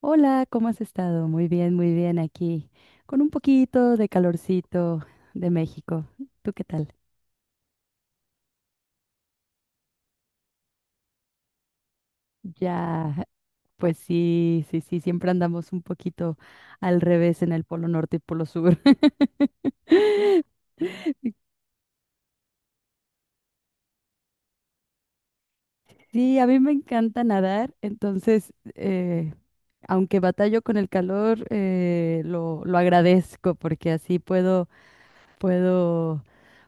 Hola, ¿cómo has estado? Muy bien aquí, con un poquito de calorcito de México. ¿Tú qué tal? Ya, pues sí, sí, sí, siempre andamos un poquito al revés en el polo norte y polo sur. Sí, a mí me encanta nadar, entonces, aunque batallo con el calor, lo agradezco porque así puedo,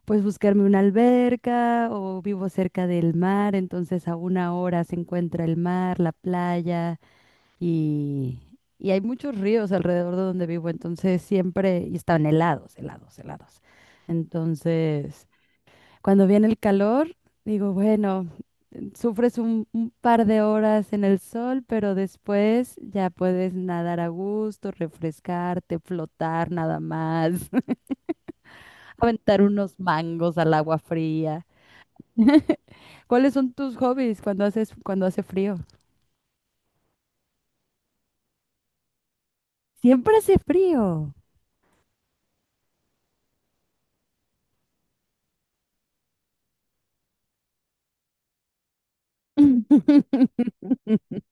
pues, buscarme una alberca o vivo cerca del mar, entonces a una hora se encuentra el mar, la playa y, y hay muchos ríos alrededor de donde vivo, entonces siempre, y están helados, helados, helados. Entonces, cuando viene el calor, digo, bueno, sufres un par de horas en el sol, pero después ya puedes nadar a gusto, refrescarte, flotar nada más aventar unos mangos al agua fría. ¿Cuáles son tus hobbies cuando hace frío? Siempre hace frío.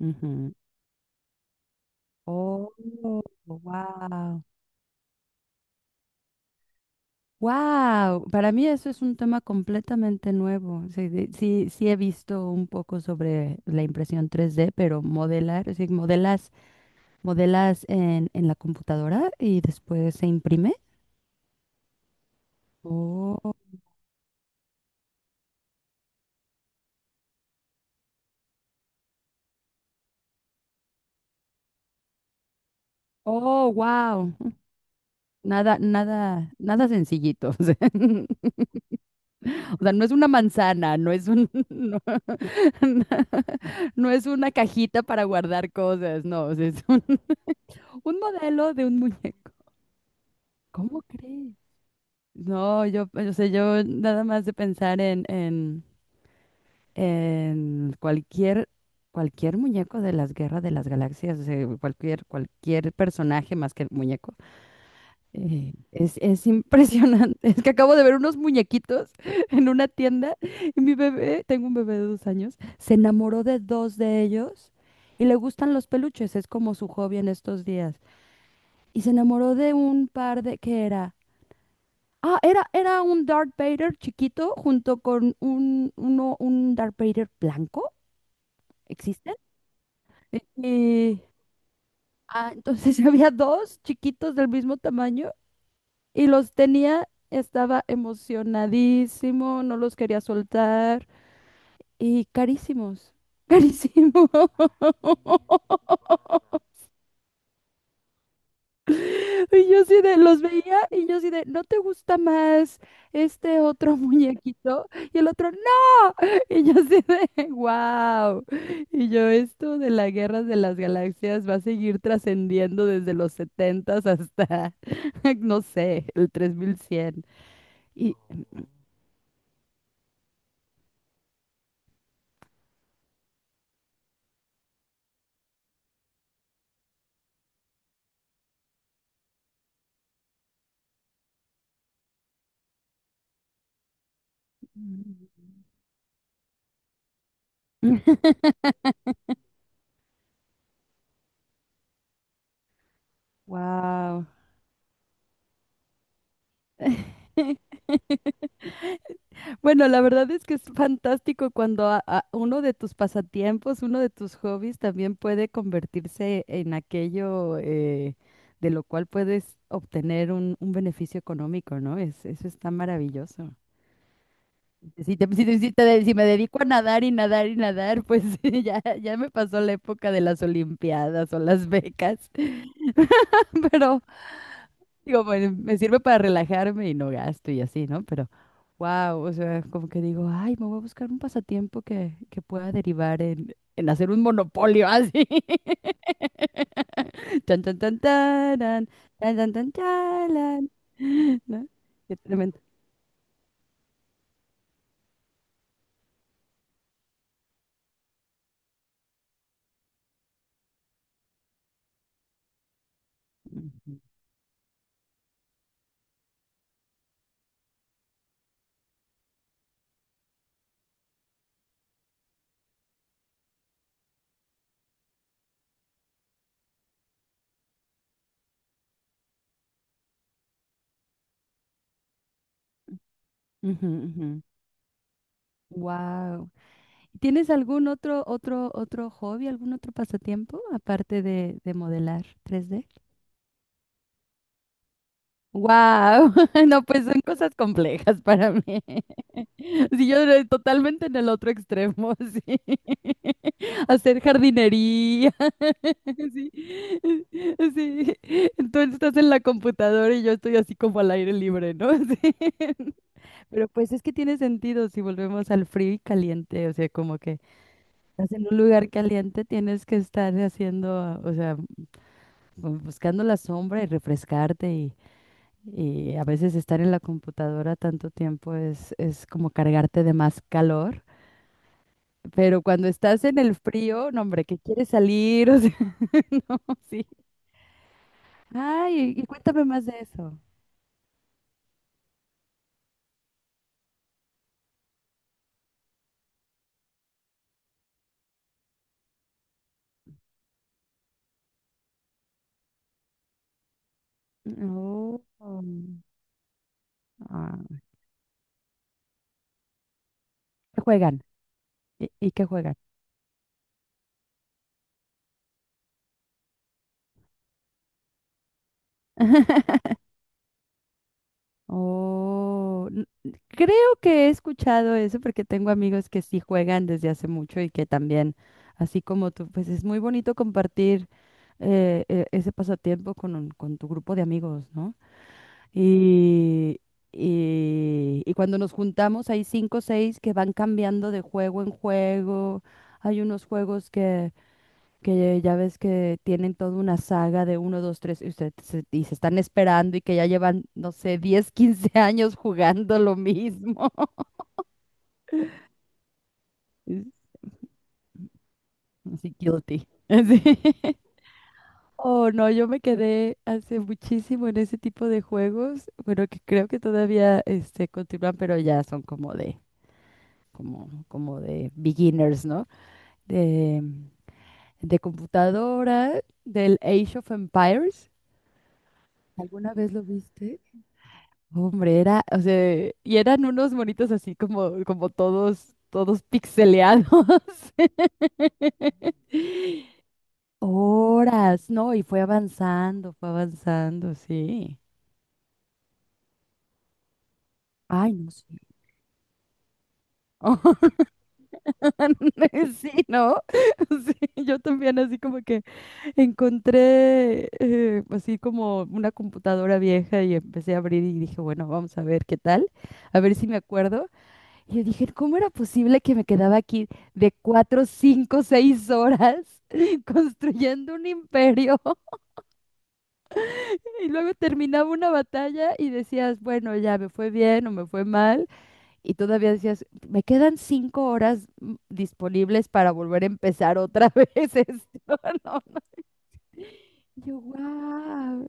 Ujú. Oh, wow. Wow, para mí eso es un tema completamente nuevo. Sí, sí he visto un poco sobre la impresión 3D, pero modelar, es decir, modelas en la computadora y después se imprime. Oh, oh, wow. Nada, nada, nada sencillito. O sea, o sea, no es una manzana, no es un, no, no es una cajita para guardar cosas, no, o sea, es un, un modelo de un muñeco. ¿Cómo crees? No, yo, o sea, yo nada más de pensar en, en cualquier muñeco de las guerras de las galaxias, o sea, cualquier personaje más que el muñeco. Es impresionante. Es que acabo de ver unos muñequitos en una tienda y mi bebé, tengo un bebé de 2 años, se enamoró de dos de ellos y le gustan los peluches, es como su hobby en estos días. Y se enamoró de un par de, ¿qué era? Ah, era un Darth Vader chiquito junto con un Darth Vader blanco. ¿Existen? Y, entonces había dos chiquitos del mismo tamaño. Y los tenía, estaba emocionadísimo, no los quería soltar y carísimos, carísimos. Y yo sí de, los veía y yo sí de, ¿no te gusta más este otro muñequito? Y el otro, ¡no! Y yo sí de, ¡wow! Y yo, esto de las guerras de las galaxias va a seguir trascendiendo desde los 70s hasta, no sé, el 3100. Y... Wow. Bueno, la verdad es que es fantástico cuando uno de tus pasatiempos, uno de tus hobbies también puede convertirse en aquello, de lo cual puedes obtener un beneficio económico, ¿no? Eso está maravilloso. Si me dedico a nadar y nadar y nadar, pues ya me pasó la época de las olimpiadas o las becas. Pero digo, pues me sirve para relajarme y no gasto y así, ¿no? Pero, wow, o sea, como que digo, ay, me voy a buscar un pasatiempo que pueda derivar en hacer un monopolio así. Tan, tan, tan, taran, tan, tan, tan, talan. ¿No? Qué tremendo. Ujú, ujú, ujú. Wow. ¿Tienes algún otro hobby, algún otro pasatiempo aparte de modelar tres d. Wow. No, pues son cosas complejas para mí. Sí, yo era totalmente en el otro extremo, sí. Hacer jardinería, sí. Sí. Entonces estás en la computadora y yo estoy así como al aire libre, ¿no? Sí. Pero pues es que tiene sentido si volvemos al frío y caliente, o sea, como que estás en un lugar caliente, tienes que estar haciendo, o sea, buscando la sombra y refrescarte y a veces estar en la computadora tanto tiempo es como cargarte de más calor. Pero cuando estás en el frío, no, hombre, que quieres salir, o sea, no, sí. Ay, y cuéntame más de eso. Oh, ah, ¿qué juegan? ¿Y qué juegan? Oh, creo que he escuchado eso porque tengo amigos que sí juegan desde hace mucho y que también, así como tú, pues es muy bonito compartir, ese pasatiempo con, con tu grupo de amigos, ¿no? Y, y cuando nos juntamos hay cinco o seis que van cambiando de juego en juego. Hay unos juegos que ya ves que tienen toda una saga de uno, dos, tres, y se están esperando y que ya llevan, no sé, 10 15 años jugando lo mismo. Así guilty. Así. Oh, no, yo me quedé hace muchísimo en ese tipo de juegos. Bueno, que creo que todavía continúan, pero ya son como de beginners, ¿no? De, de computadora, del Age of Empires. ¿Alguna vez lo viste? Hombre, era, o sea, y eran unos monitos así como todos, todos pixeleados. Horas, ¿no? Y fue avanzando, sí. Ay, no sé. Sí, ¿no? Sí, yo también así como que encontré, así como una computadora vieja y empecé a abrir y dije, bueno, vamos a ver qué tal, a ver si me acuerdo. Y yo dije, ¿cómo era posible que me quedaba aquí de 4, 5, 6 horas construyendo un imperio? Y luego terminaba una batalla y decías, bueno, ya me fue bien o me fue mal. Y todavía decías, me quedan 5 horas disponibles para volver a empezar otra vez esto. No, no. Yo, wow.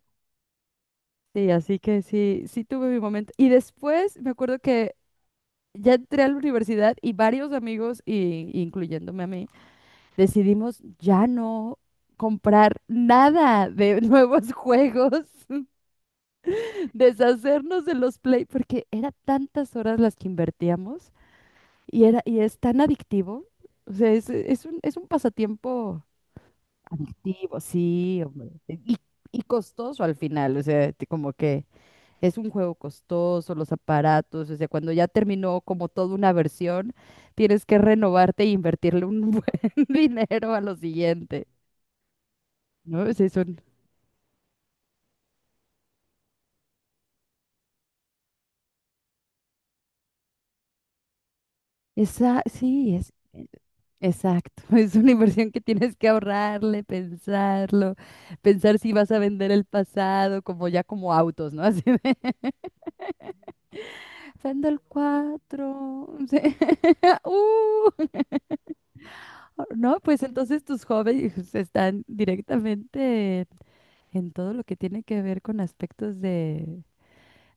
Sí, así que sí, sí tuve mi momento. Y después me acuerdo que ya entré a la universidad y varios amigos, y, incluyéndome a mí, decidimos ya no comprar nada de nuevos juegos, deshacernos de los Play, porque era tantas horas las que invertíamos y era, y es tan adictivo. O sea, es un pasatiempo adictivo, sí, hombre. Y costoso al final, o sea, como que es un juego costoso, los aparatos, o sea, cuando ya terminó como toda una versión, tienes que renovarte e invertirle un buen dinero a lo siguiente, ¿no? O sea, esa, sí, exacto, es una inversión que tienes que ahorrarle, pensarlo, pensar si vas a vender el pasado, como ya como autos, ¿no? Así de, vendo el 4, no, pues entonces tus hobbies están directamente en todo lo que tiene que ver con aspectos de,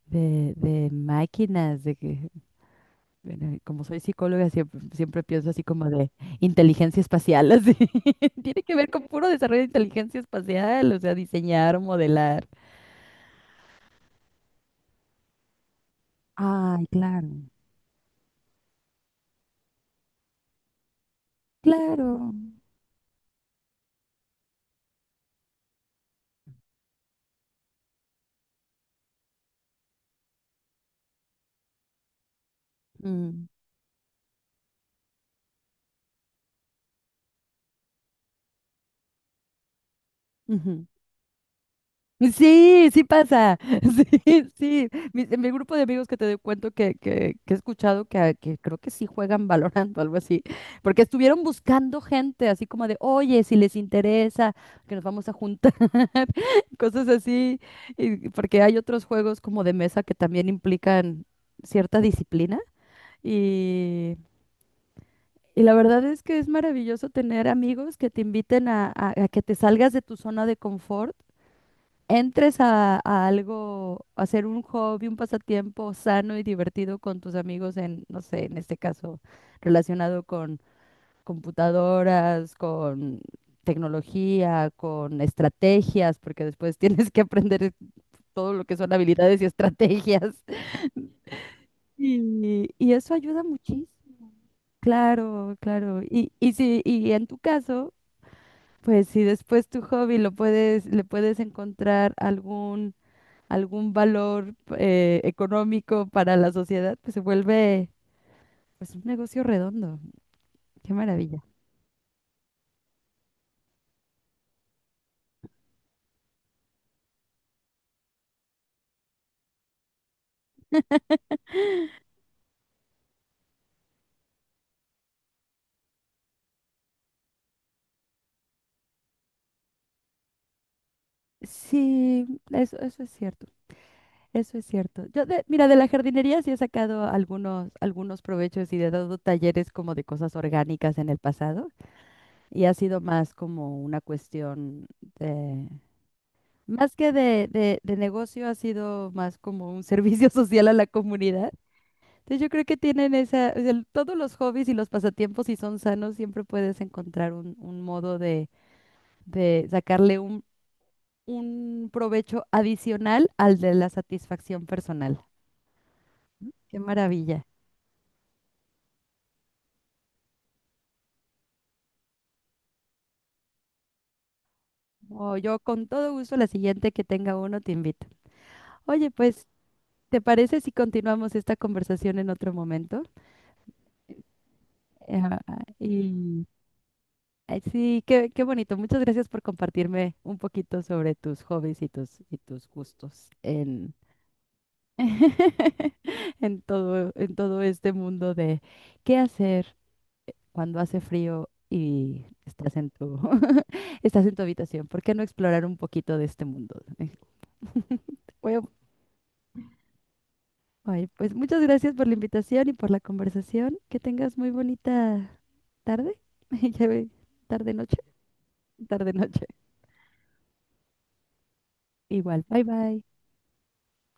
de, de máquinas, de que, bueno, como soy psicóloga, siempre, siempre pienso así como de inteligencia espacial, así. Tiene que ver con puro desarrollo de inteligencia espacial, o sea, diseñar, modelar. Ay, claro, claro. Mm, ujú. Sí, sí pasa. Sí, sí. Mi grupo de amigos que te doy cuento que he escuchado que, que creo que sí juegan Valorant o algo así, porque estuvieron buscando gente, así como de, oye, si les interesa, que nos vamos a juntar, cosas así, porque hay otros juegos como de mesa que también implican cierta disciplina y... Y la verdad es que es maravilloso tener amigos que te inviten a, a que te salgas de tu zona de confort, entres a algo, a hacer un hobby, un pasatiempo sano y divertido con tus amigos en, no sé, en este caso, relacionado con computadoras, con tecnología, con estrategias, porque después tienes que aprender todo lo que son habilidades y estrategias. Y eso ayuda muchísimo. Claro, claro. Y si, Y en tu caso, pues si después tu hobby lo puedes, le puedes encontrar algún valor, económico para la sociedad, pues se vuelve pues un negocio redondo. Qué maravilla. Sí, eso es cierto. Eso es cierto. Yo de, mira, de la jardinería sí he sacado algunos provechos y he dado talleres como de cosas orgánicas en el pasado. Y ha sido más como una cuestión de, más que de, de negocio, ha sido más como un servicio social a la comunidad. Entonces yo creo que tienen esa, o sea, todos los hobbies y los pasatiempos, si son sanos, siempre puedes encontrar un modo de sacarle un provecho adicional al de la satisfacción personal. Qué maravilla. Oh, yo con todo gusto la siguiente que tenga uno te invito. Oye, pues, ¿te parece si continuamos esta conversación en otro momento? Ajá, y ay, sí, qué bonito. Muchas gracias por compartirme un poquito sobre tus hobbies y tus gustos en. En todo este mundo de qué hacer cuando hace frío y estás en tu, estás en tu habitación. ¿Por qué no explorar un poquito de este mundo? Bueno, ay, pues muchas gracias por la invitación y por la conversación. Que tengas muy bonita tarde. Ya ve, tarde noche, tarde noche. Igual, bye bye.